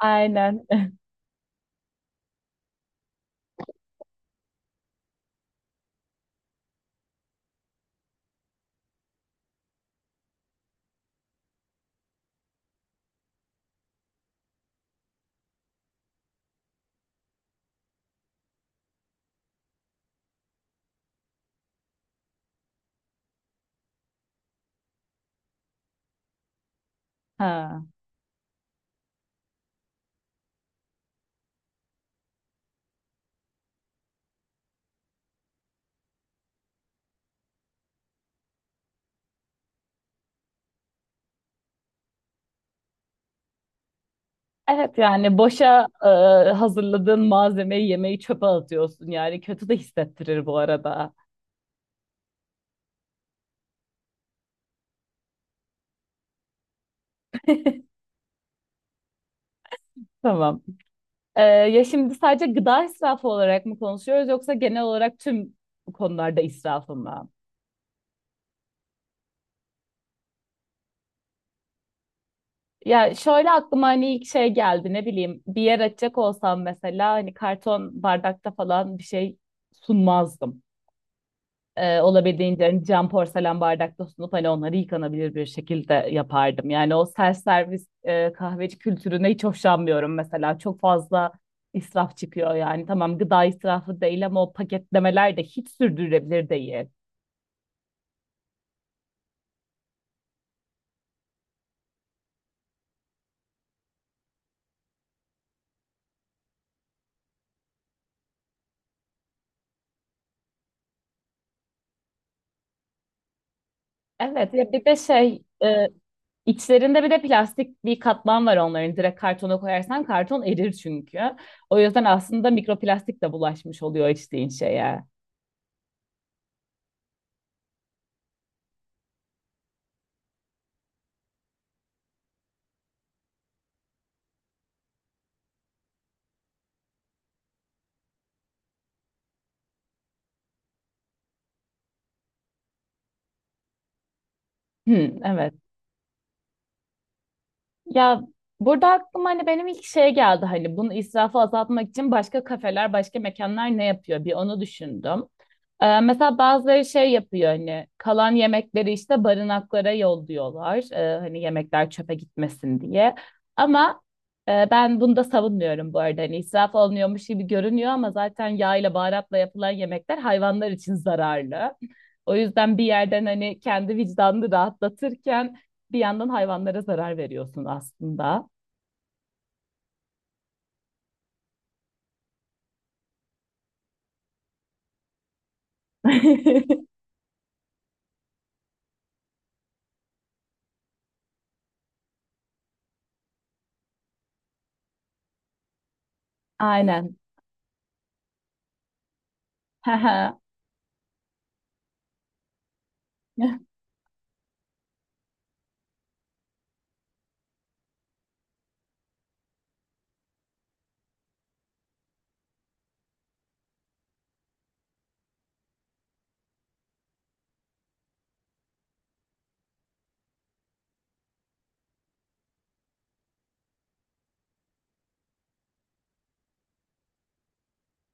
Aynen. Ha. Evet yani boşa hazırladığın malzemeyi yemeği çöpe atıyorsun yani kötü de hissettirir bu arada. Tamam. Ya şimdi sadece gıda israfı olarak mı konuşuyoruz yoksa genel olarak tüm konularda israfı mı? Ya şöyle aklıma hani ilk şey geldi ne bileyim bir yer açacak olsam mesela hani karton bardakta falan bir şey sunmazdım. Olabildiğince hani cam porselen bardakta sunup hani onları yıkanabilir bir şekilde yapardım. Yani o self servis kahveci kültürüne hiç hoşlanmıyorum mesela. Çok fazla israf çıkıyor yani. Tamam gıda israfı değil ama o paketlemeler de hiç sürdürülebilir değil. Evet ya bir de İçlerinde bir de plastik bir katman var onların. Direkt kartona koyarsan karton erir çünkü. O yüzden aslında mikroplastik de bulaşmış oluyor içtiğin şeye. Hı, evet. Ya burada aklıma hani benim ilk şey geldi hani bunu israfı azaltmak için başka kafeler, başka mekanlar ne yapıyor? Bir onu düşündüm. Mesela bazıları şey yapıyor hani kalan yemekleri işte barınaklara yolluyorlar. Hani yemekler çöpe gitmesin diye. Ama ben bunu da savunmuyorum bu arada. Hani israf olmuyormuş gibi görünüyor ama zaten yağ ile baharatla yapılan yemekler hayvanlar için zararlı. O yüzden bir yerden hani kendi vicdanını rahatlatırken bir yandan hayvanlara zarar veriyorsun aslında. Aynen.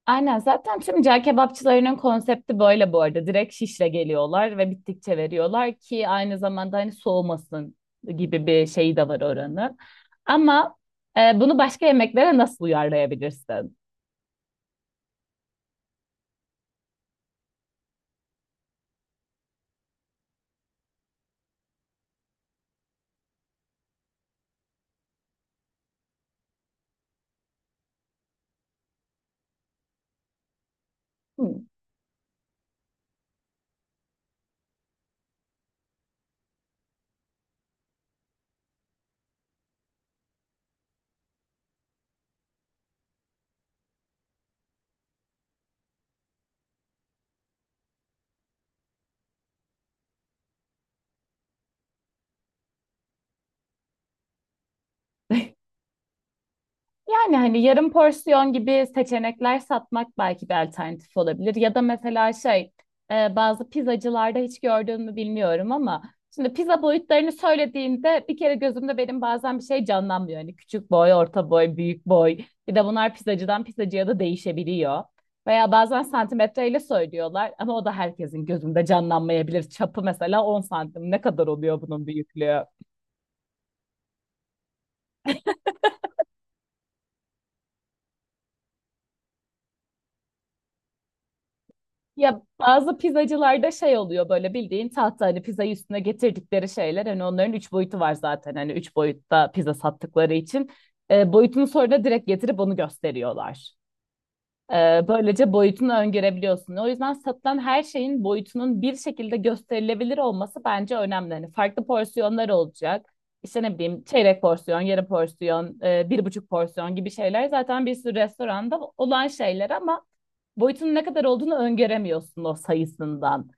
Aynen zaten tüm cağ kebapçılarının konsepti böyle bu arada. Direkt şişle geliyorlar ve bittikçe veriyorlar ki aynı zamanda hani soğumasın gibi bir şey de var oranın. Ama bunu başka yemeklere nasıl uyarlayabilirsin? Hmm. Yani hani yarım porsiyon gibi seçenekler satmak belki bir alternatif olabilir. Ya da mesela bazı pizzacılarda hiç gördün mü bilmiyorum ama şimdi pizza boyutlarını söylediğinde bir kere gözümde benim bazen bir şey canlanmıyor. Hani küçük boy, orta boy, büyük boy. Bir de bunlar pizzacıdan pizzacıya da değişebiliyor. Veya bazen santimetreyle söylüyorlar ama o da herkesin gözünde canlanmayabilir. Çapı mesela 10 santim ne kadar oluyor bunun büyüklüğü? Ya bazı pizzacılarda şey oluyor böyle bildiğin tahta hani pizzayı üstüne getirdikleri şeyler hani onların üç boyutu var zaten hani üç boyutta pizza sattıkları için boyutunu sonra da direkt getirip onu gösteriyorlar. Böylece boyutunu öngörebiliyorsun. O yüzden satılan her şeyin boyutunun bir şekilde gösterilebilir olması bence önemli. Hani farklı porsiyonlar olacak. İşte ne bileyim çeyrek porsiyon, yarı porsiyon, bir buçuk porsiyon gibi şeyler zaten bir sürü restoranda olan şeyler ama boyutunun ne kadar olduğunu öngöremiyorsun o sayısından.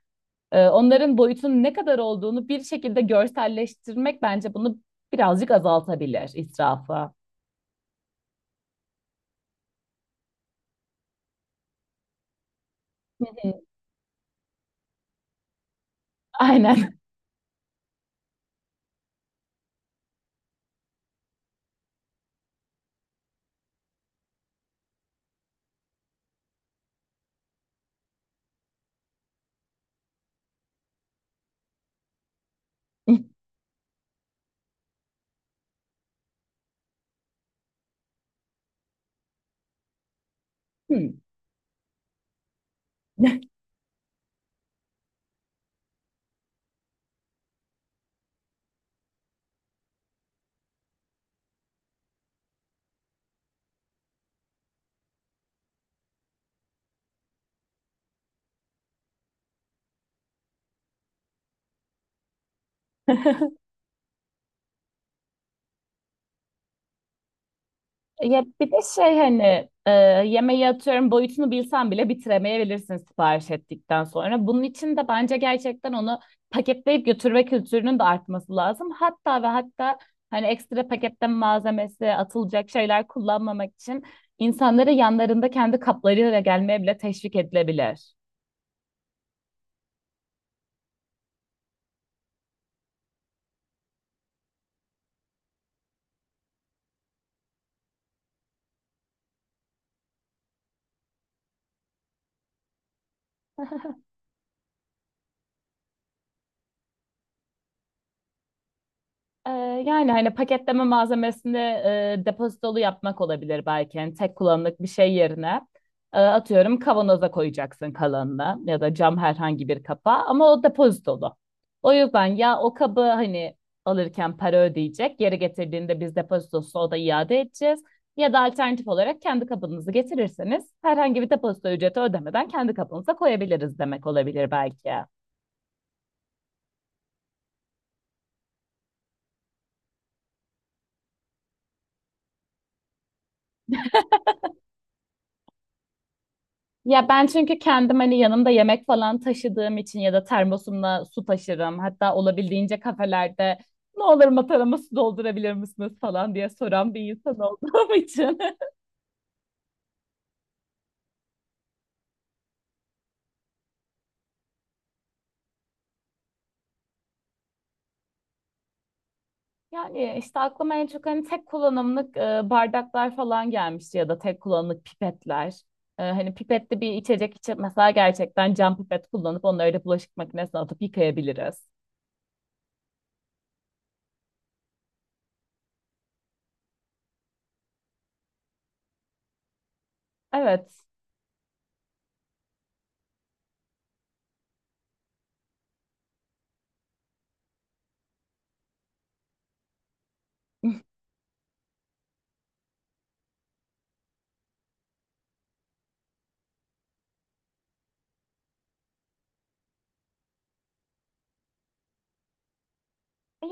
Onların boyutunun ne kadar olduğunu bir şekilde görselleştirmek bence bunu birazcık azaltabilir israfı. Hı hı. Aynen. Ya bir de şey hani yemeği atıyorum boyutunu bilsen bile bitiremeyebilirsin sipariş ettikten sonra. Bunun için de bence gerçekten onu paketleyip götürme kültürünün de artması lazım. Hatta ve hatta hani ekstra paketten malzemesi atılacak şeyler kullanmamak için İnsanlara yanlarında kendi kaplarıyla gelmeye bile teşvik edilebilir. Ee, Yani hani paketleme malzemesini depozitolu yapmak olabilir belki. Yani tek kullanımlık bir şey yerine atıyorum kavanoza koyacaksın kalanını ya da cam herhangi bir kapa ama o depozitolu. O yüzden ya o kabı hani alırken para ödeyecek, geri getirdiğinde biz depozitosunu o da iade edeceğiz. Ya da alternatif olarak kendi kabınızı getirirseniz herhangi bir depozito ücreti ödemeden kendi kabınıza koyabiliriz demek olabilir belki. Ya ben çünkü kendim hani yanımda yemek falan taşıdığım için ya da termosumla su taşırım. Hatta olabildiğince kafelerde ne olur matarama su doldurabilir misiniz falan diye soran bir insan olduğum için. Yani işte aklıma en çok hani tek kullanımlık bardaklar falan gelmişti ya da tek kullanımlık pipetler. Hani pipetli bir içecek için mesela gerçekten cam pipet kullanıp onları da bulaşık makinesine atıp yıkayabiliriz. Evet.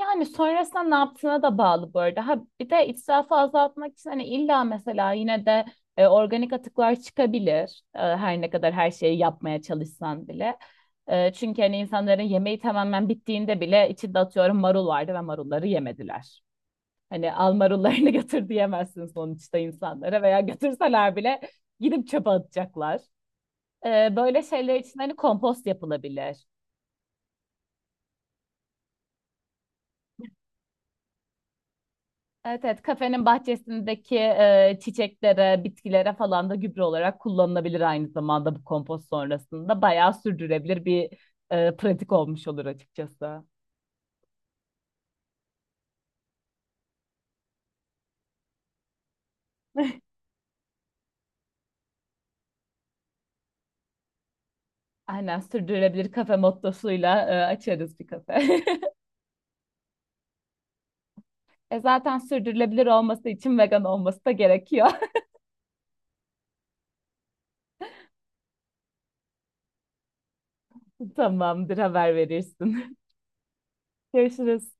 Yani sonrasında ne yaptığına da bağlı bu arada. Ha, bir de israfı azaltmak için hani illa mesela yine de organik atıklar çıkabilir. Her ne kadar her şeyi yapmaya çalışsan bile. Çünkü hani insanların yemeği tamamen bittiğinde bile içinde atıyorum marul vardı ve marulları yemediler. Hani al marullarını götür diyemezsin sonuçta insanlara veya götürseler bile gidip çöpe atacaklar. Böyle şeyler için hani kompost yapılabilir. Evet evet kafenin bahçesindeki çiçeklere, bitkilere falan da gübre olarak kullanılabilir aynı zamanda bu kompost sonrasında. Bayağı sürdürülebilir bir pratik olmuş olur açıkçası. Aynen sürdürülebilir kafe mottosuyla açarız bir kafe. E zaten sürdürülebilir olması için vegan olması da gerekiyor. Tamamdır haber verirsin. Görüşürüz.